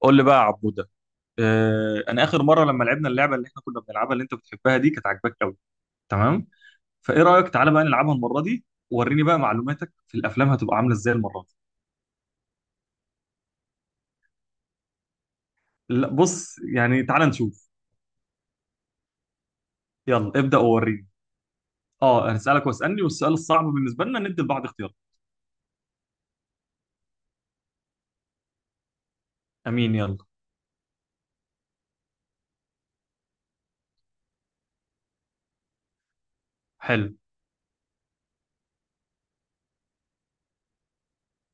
قول لي بقى يا عبوده. انا اخر مره لما لعبنا اللعبه اللي احنا كنا بنلعبها اللي انت بتحبها دي كانت عاجباك قوي. تمام. فايه رايك تعالى بقى نلعبها المره دي؟ وريني بقى معلوماتك في الافلام هتبقى عامله ازاي المره دي. لا بص يعني تعالى نشوف. يلا ابدا ووريني. اه انا هسالك واسالني، والسؤال الصعب بالنسبه لنا ندي لبعض اختيار. امين يلا. حلو،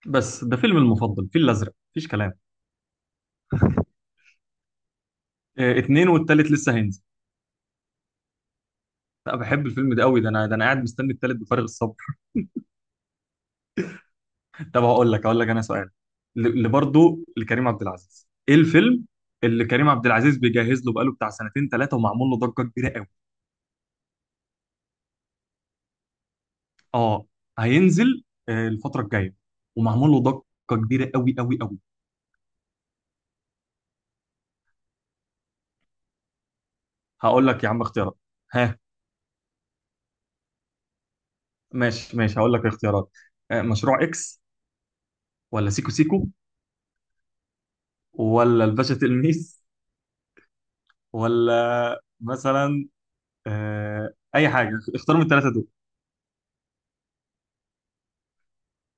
بس ده فيلم المفضل فيل الازرق مفيش كلام. اتنين والتالت لسه هينزل. لا بحب الفيلم ده قوي، ده انا قاعد مستني التالت بفارغ الصبر. طب هقول لك انا سؤال. اللي برضه لكريم عبد العزيز، ايه الفيلم اللي كريم عبد العزيز بيجهز له بقاله بتاع سنتين ثلاثه، ومعمول له ضجه كبيره قوي؟ اه هينزل الفتره الجايه، ومعمول له ضجه كبيره قوي قوي قوي. هقول لك يا عم اختيارات. ها ماشي ماشي، هقول لك الاختيارات. مشروع اكس، ولا سيكو سيكو، ولا الباشا تلميذ، ولا مثلا اي حاجه، اختار من الثلاثه دول.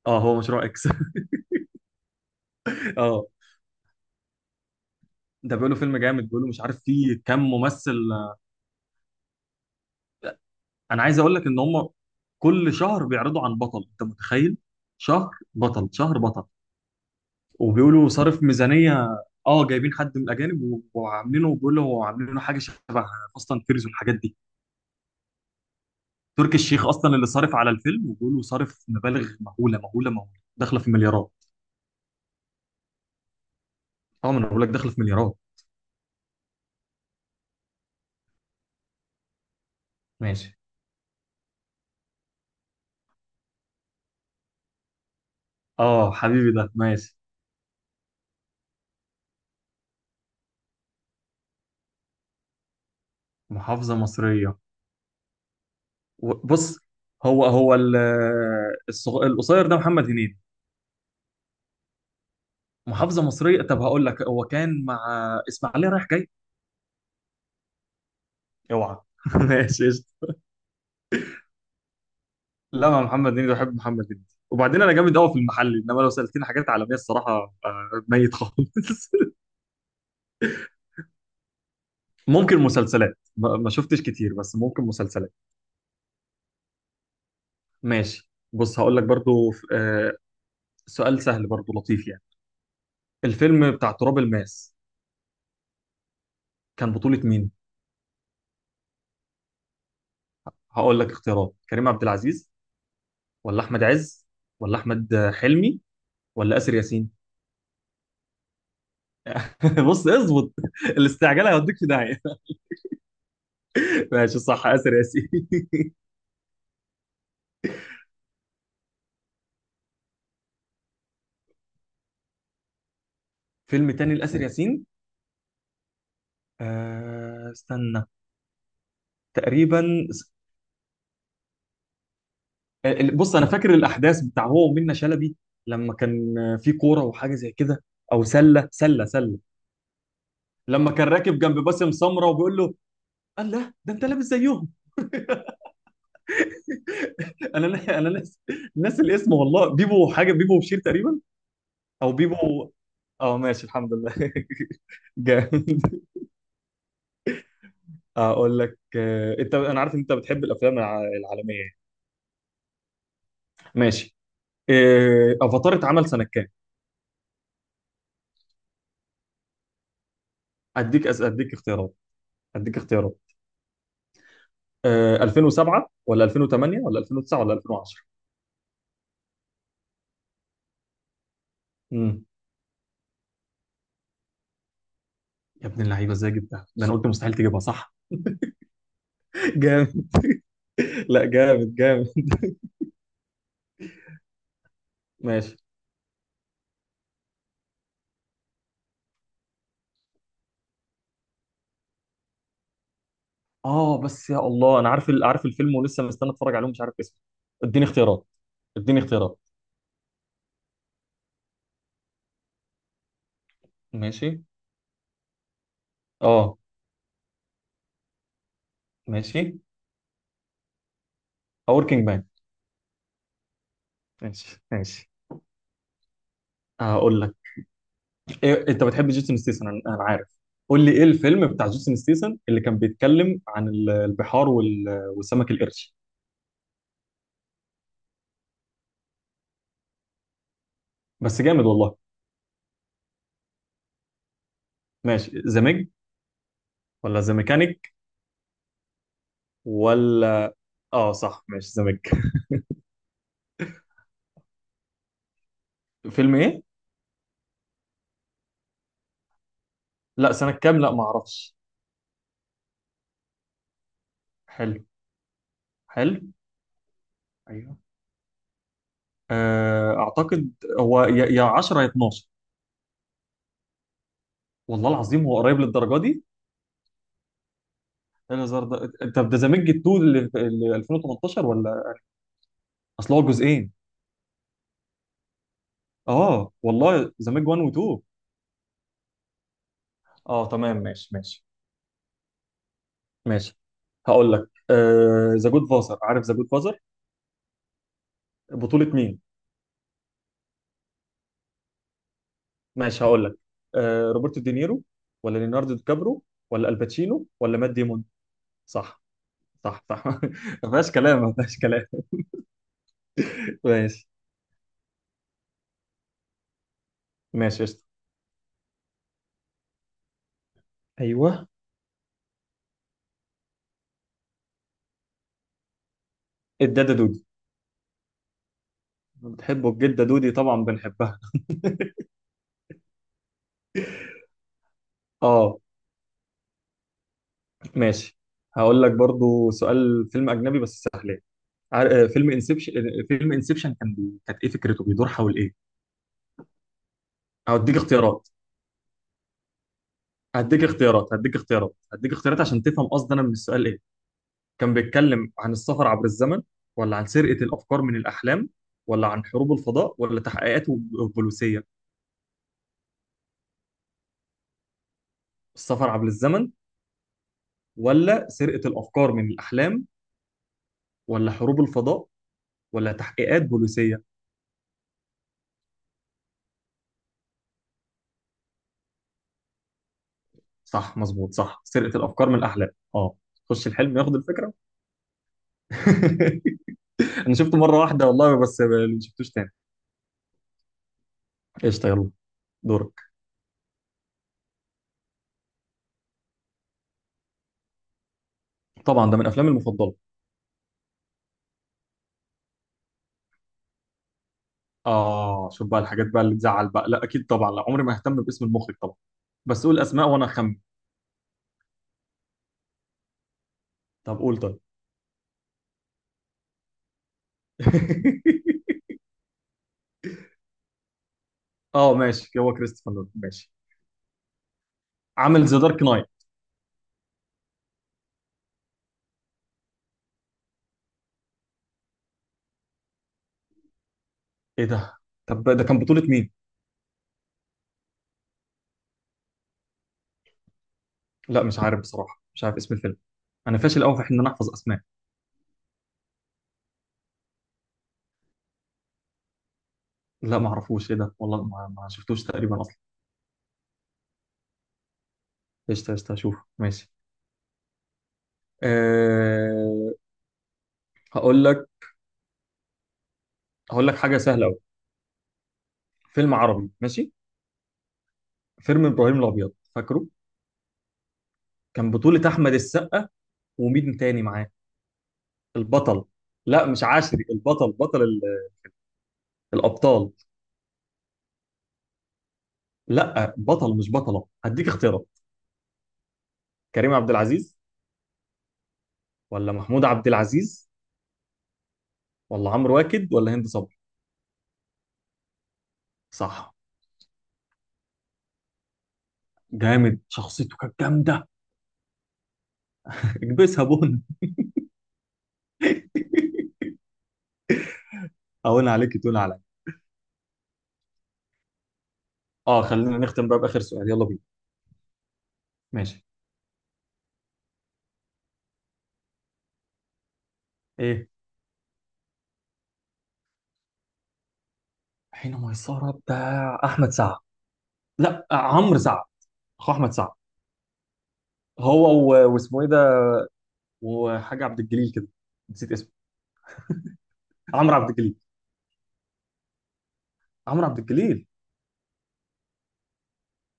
اه هو مشروع اكس. ده بيقولوا فيلم جامد، بيقولوا مش عارف فيه كام ممثل. انا عايز اقول لك ان هم كل شهر بيعرضوا عن بطل، انت متخيل؟ شهر بطل شهر بطل. وبيقولوا صارف ميزانية. اه جايبين حد من الاجانب وعاملينه، بيقولوا عاملينه حاجة شبه فاست اند فيريز والحاجات دي. تركي الشيخ اصلا اللي صارف على الفيلم، وبيقولوا صارف مبالغ مهولة مهولة مهولة، داخلة في مليارات. اه ما انا بقول لك داخلة في مليارات. ماشي. اه حبيبي ده ماشي. محافظة مصرية. بص، هو القصير ده محمد هنيدي. محافظه مصريه، طب هقول لك، هو كان مع اسماعيليه رايح جاي. اوعى ماشي قشطة. لا مع محمد هنيدي، بحب محمد هنيدي. وبعدين انا جامد قوي في المحل، انما لو سالتني حاجات عالميه الصراحه ميت خالص. ممكن مسلسلات، ما شفتش كتير، بس ممكن مسلسلات. ماشي بص هقول لك برضو سؤال سهل برضو لطيف يعني. الفيلم بتاع تراب الماس، كان بطولة مين؟ هقول لك اختيارات: كريم عبد العزيز، ولا احمد عز، ولا احمد حلمي، ولا اسر ياسين. بص اظبط. الاستعجال هيوديك في داهيه. ماشي صح، اسر ياسين. فيلم تاني لاسر ياسين. استنى، تقريبا. بص انا فاكر الاحداث بتاع هو ومنة شلبي، لما كان في كوره وحاجه زي كده، او سله سله سله. لما كان راكب جنب باسم سمره وبيقول له: الله ده انت لابس زيهم. انا ناس، ناس الاسم والله. بيبو حاجه، بيبو وبشير تقريبا، او بيبو. اه ماشي الحمد لله. جامد. اقول لك انت، انا عارف ان انت بتحب الافلام العالميه يعني. ماشي. افاتار اتعمل سنه كام؟ اديك أس... اديك اختيارات اديك اختيارات. 2007 ولا 2008 ولا 2009 ولا 2010؟ امم يا ابن اللعيبه ازاي جبتها، ده انا قلت مستحيل تجيبها. صح. جامد. لا جامد جامد. ماشي. اه بس يا الله انا عارف عارف الفيلم، ولسه مستني اتفرج عليه ومش عارف اسمه. اديني اختيارات اديني اختيارات. ماشي. اه ماشي، وركينج مان. ماشي هقول لك. إيه، انت بتحب جيسون ستيسن انا عارف. قول لي، ايه الفيلم بتاع جيسون ستيسن اللي كان بيتكلم عن البحار والسمك القرش؟ بس جامد والله. ماشي، ذا ميج ولا ذا ميكانيك ولا؟ اه صح، ماشي ذا ميج. فيلم ايه؟ لا سنة كام، لا ما اعرفش. حلو. حلو. ايوه. اعتقد هو يا 10 يا 12. والله العظيم هو قريب للدرجه دي. إيه الهزار ده، انت ده ذا ميج 2 اللي 2018 ولا؟ اصل هو جزئين. اه والله، ذا ميج 1 و 2. اه تمام ماشي. ماشي هقول لك، ذا جود فازر، عارف ذا جود فازر، بطولة مين؟ ماشي هقول لك. روبرتو دينيرو، ولا ليوناردو دي كابرو، ولا الباتشينو، ولا مات ديمون؟ صح صح صح. ما فيهاش كلام ما فيهاش كلام. ماشي. ماشي قشطة. ايوه، الدادا دودي. بتحبه الجدة دودي طبعا، بنحبها. اه ماشي. هقول لك برضو سؤال، فيلم اجنبي بس. فيلم انسبشن، فيلم انسبشن كان كانت ايه فكرته، بيدور حول ايه؟ هديك اختيارات هديك اختيارات عشان تفهم قصدي انا من السؤال ايه. كان بيتكلم عن السفر عبر الزمن، ولا عن سرقة الافكار من الاحلام، ولا عن حروب الفضاء، ولا تحقيقات بوليسية؟ السفر عبر الزمن، ولا سرقة الافكار من الاحلام، ولا حروب الفضاء، ولا تحقيقات بوليسية؟ صح مظبوط، صح، سرقة الافكار من الاحلام. اه، خش الحلم ياخد الفكرة. انا شفته مرة واحدة والله، بس ما شفتوش تاني. قشطة يلا، دورك. طبعا ده من افلامي المفضله. اه شوف بقى الحاجات بقى اللي تزعل بقى، لا اكيد طبعا، لا عمري ما اهتم باسم المخرج طبعا. بس قول اسماء وانا اخمن. طب قول طيب. اه ماشي، هو كريستوفر نولان، ماشي. عامل ذا دارك نايت. ايه ده؟ طب ده كان بطوله مين؟ لا مش عارف بصراحه، مش عارف اسم الفيلم. انا فاشل قوي في ان انا احفظ اسماء. لا ما اعرفوش، ايه ده والله، ما شفتوش تقريبا اصلا. قشطه قشطه، هشوف ماشي. أه... هقول لك هقول لك حاجه سهله قوي. فيلم عربي، ماشي. فيلم ابراهيم الابيض، فاكره؟ كان بطولة أحمد السقا، ومين تاني معاه، البطل؟ لا مش عاشري، البطل، بطل الأبطال. لا بطل مش بطلة. هديك اختيارات: كريم عبد العزيز، ولا محمود عبد العزيز، ولا عمرو واكد، ولا هند صبري؟ صح. جامد، شخصيته كانت جامدة. اكبسها بن. أهون عليك تقول عليا. اه خلينا نختم بقى بآخر سؤال، يلا بينا. ماشي. ايه، حين ميسرة بتاع أحمد سعد، لا عمرو سعد، أخو أحمد سعد. هو واسمه ايه ده، وحاجة عبد الجليل كده، نسيت اسمه. عمرو عبد الجليل عمرو عبد الجليل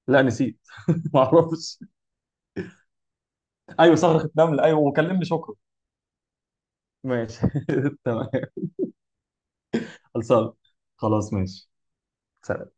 لا نسيت. ما اعرفش. ايوه صرخة نمل، ايوه، وكلمني شكرا. ماشي. تمام. خلصان. خلاص ماشي. سلام.